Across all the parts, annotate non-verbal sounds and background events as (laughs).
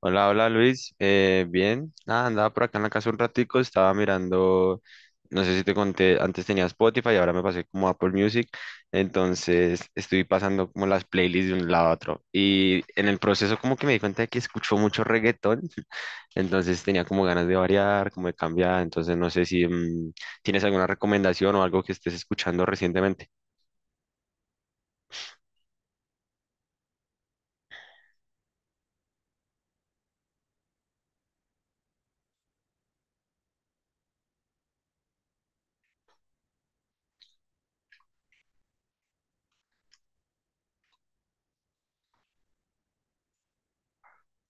Hola, hola Luis, bien, nada, andaba por acá en la casa un ratico, estaba mirando, no sé si te conté, antes tenía Spotify y ahora me pasé como a Apple Music, entonces estoy pasando como las playlists de un lado a otro y en el proceso como que me di cuenta de que escucho mucho reggaetón, (laughs) entonces tenía como ganas de variar, como de cambiar, entonces no sé si tienes alguna recomendación o algo que estés escuchando recientemente.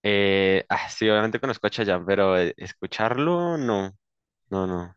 Ah, sí, obviamente conozco a Chayanne, pero escucharlo, no, no, no.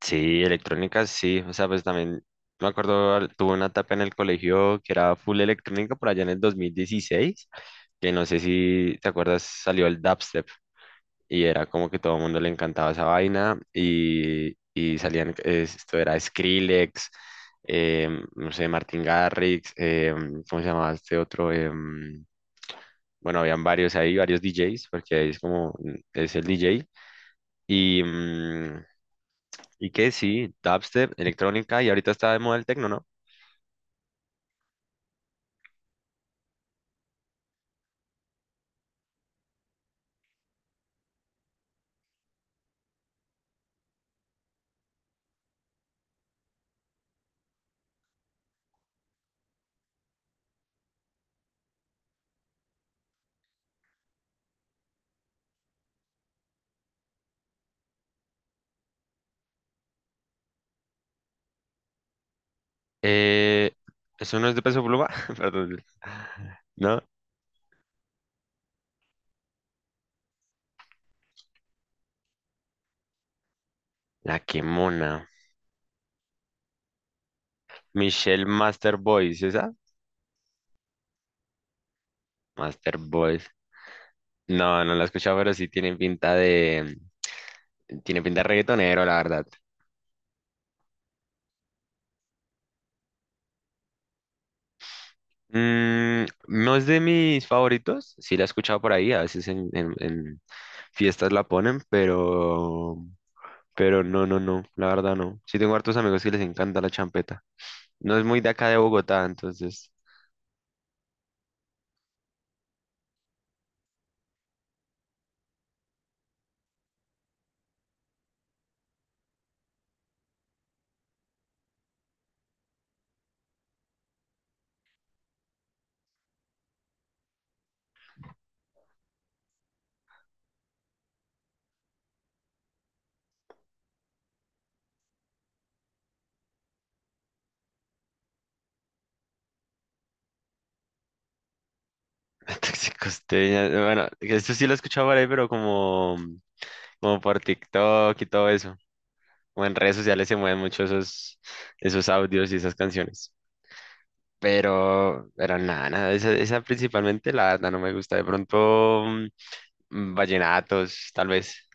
Sí, electrónica sí, o sea, pues también me acuerdo, tuve una etapa en el colegio que era full electrónica por allá en el 2016 que no sé si te acuerdas, salió el dubstep y era como que todo el mundo le encantaba esa vaina y salían, esto era Skrillex, no sé, Martin Garrix, ¿cómo se llamaba este otro? Bueno, habían varios ahí, varios DJs, porque ahí es como, es el DJ. Y, mm, y que sí, dubstep, electrónica, y ahorita está de moda el tecno, ¿no? Eh, ¿Eso no es de Peso Pluma? (laughs) Perdón. ¿No? La que mona. Michelle Master Boys, ¿esa? Master Boys. No, no la he escuchado, pero sí tiene pinta de. Tiene pinta de reggaetonero, la verdad. No es de mis favoritos, sí la he escuchado por ahí, a veces en fiestas la ponen, pero no, no, no, la verdad no. Sí tengo hartos amigos que les encanta la champeta. No es muy de acá de Bogotá, entonces. (laughs) Costeña, bueno, esto sí lo he escuchado por ahí, pero como por TikTok y todo eso. O en redes sociales se mueven mucho esos audios y esas canciones. Pero nada, nada, esa principalmente la verdad no me gusta. De pronto, vallenatos, tal vez.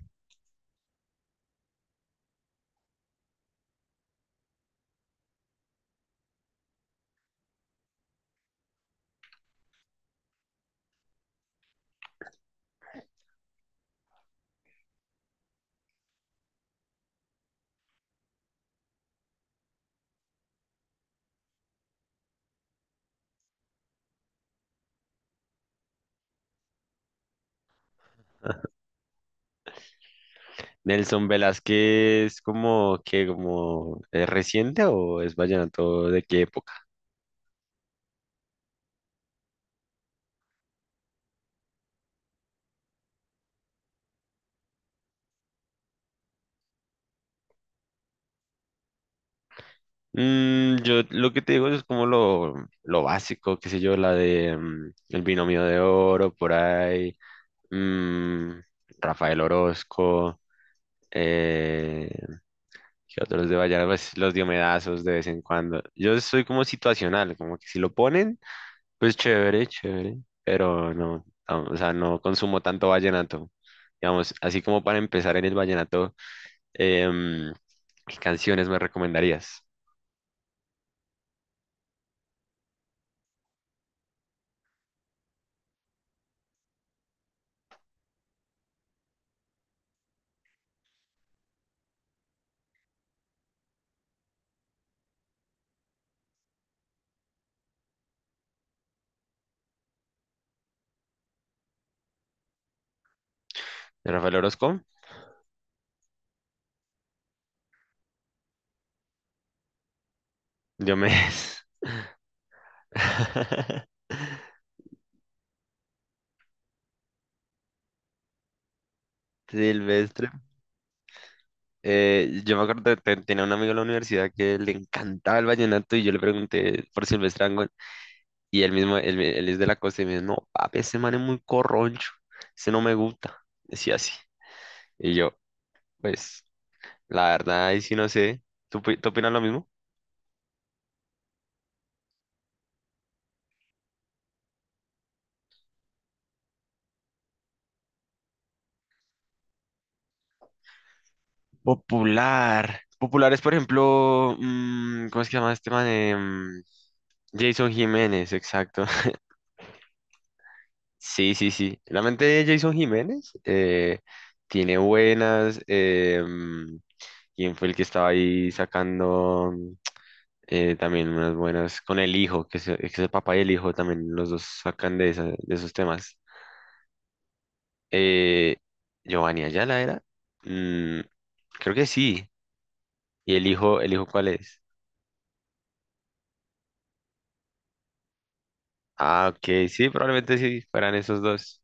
Nelson Velázquez, como que, como, ¿es reciente o es vallenato de qué época? Yo lo que te digo es como lo básico, qué sé yo, la de El Binomio de Oro, por ahí, mm, Rafael Orozco, eh, que otros de Vallenar, pues los diomedazos de vez en cuando. Yo soy como situacional, como que si lo ponen, pues chévere, chévere, pero no, no, o sea, no consumo tanto vallenato. Digamos, así como para empezar en el vallenato, em, ¿qué canciones me recomendarías? ¿De Rafael Orozco? Diomedes. (laughs) Silvestre. Yo me acuerdo que tenía un amigo en la universidad que le encantaba el vallenato y yo le pregunté por Silvestre. Y él mismo, él es de la costa y me dice, no, papi, ese man es muy corroncho, ese no me gusta, decía así. Y yo, pues, la verdad, ahí sí no sé, tú opinas lo mismo? Popular. Popular es, por ejemplo, ¿cómo es que se llama este man? Jason Jiménez, exacto. (laughs) Sí, sí, sí. Realmente Jason Jiménez tiene buenas. ¿Quién fue el que estaba ahí sacando? También unas buenas con el hijo, que es el papá y el hijo también los dos sacan de esos temas. Eh, Giovanni Ayala era, Mm, creo que sí. ¿Y el hijo cuál es? Ah, ok, sí, probablemente sí, fueran esos dos.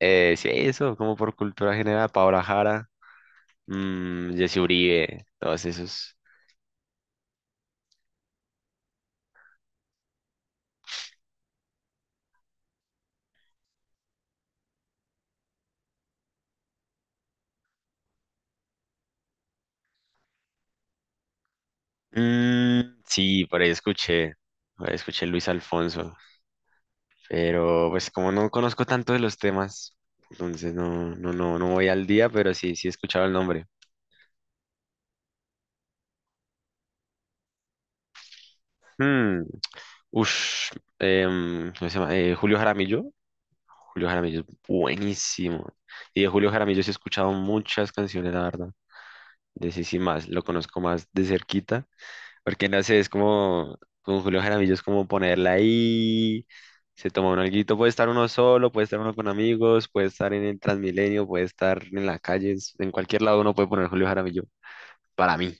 Sí, eso, como por cultura general, Paola Jara, Jesse Uribe, todos esos. Sí, por ahí escuché Luis Alfonso. Pero pues como no conozco tanto de los temas, entonces no, no, no, no voy al día, pero sí, sí he escuchado el nombre. Hmm, ush, ¿Cómo se llama? Julio Jaramillo. Julio Jaramillo es buenísimo. Y de Julio Jaramillo sí he escuchado muchas canciones, la verdad. De sí, sí, más, lo conozco más de cerquita. Porque no sé, es como con Julio Jaramillo, es como ponerla ahí, se toma un alguito, puede estar uno solo, puede estar uno con amigos, puede estar en el Transmilenio, puede estar en la calle, en cualquier lado uno puede poner Julio Jaramillo, para mí.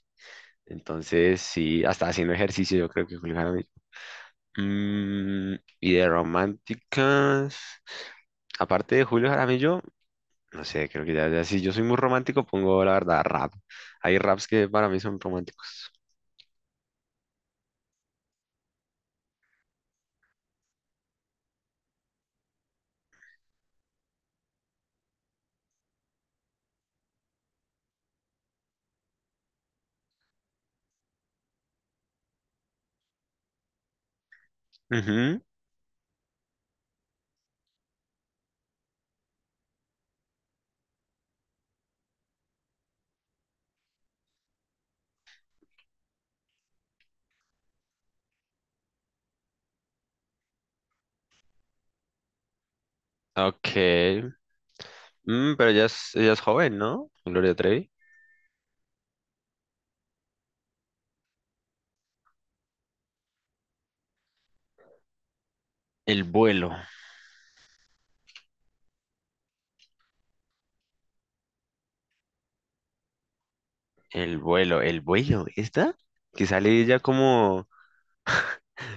Entonces, sí, hasta haciendo ejercicio yo creo que Julio Jaramillo. Y de románticas, aparte de Julio Jaramillo, no sé, creo que ya, ya si yo soy muy romántico, pongo la verdad rap. Hay raps que para mí son románticos. Ujú. Ok. Pero ella es joven, ¿no? Gloria Trevi. El vuelo, el vuelo, el vuelo, ¿esta? Que sale ella como,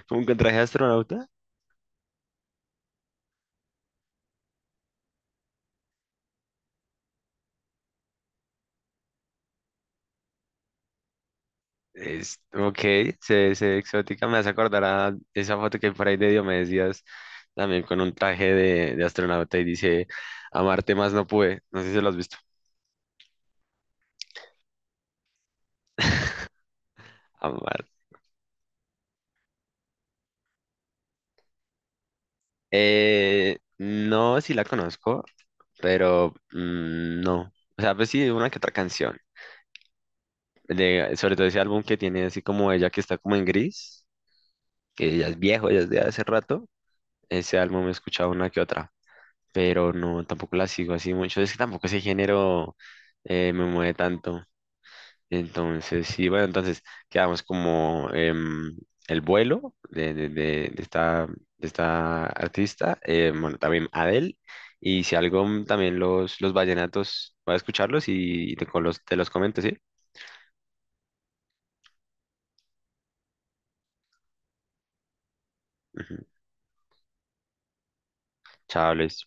como con traje de astronauta. Ok, se ve exótica, me hace acordar a esa foto que por ahí de Dios me decías, también con un traje de astronauta y dice, amarte más no pude, no sé si lo has visto, amar. No, sí la conozco, pero no, o sea, pues sí, una que otra canción, sobre todo ese álbum que tiene así como ella que está como en gris, que ella es viejo, ella es de hace rato, ese álbum he escuchado una que otra, pero no, tampoco la sigo así mucho, es que tampoco ese género me mueve tanto. Entonces, sí, bueno, entonces quedamos como el vuelo de esta, artista, bueno, también Adele, y si algo también los vallenatos, voy a escucharlos y te los comento, ¿sí? Ujú. Chao, Luis.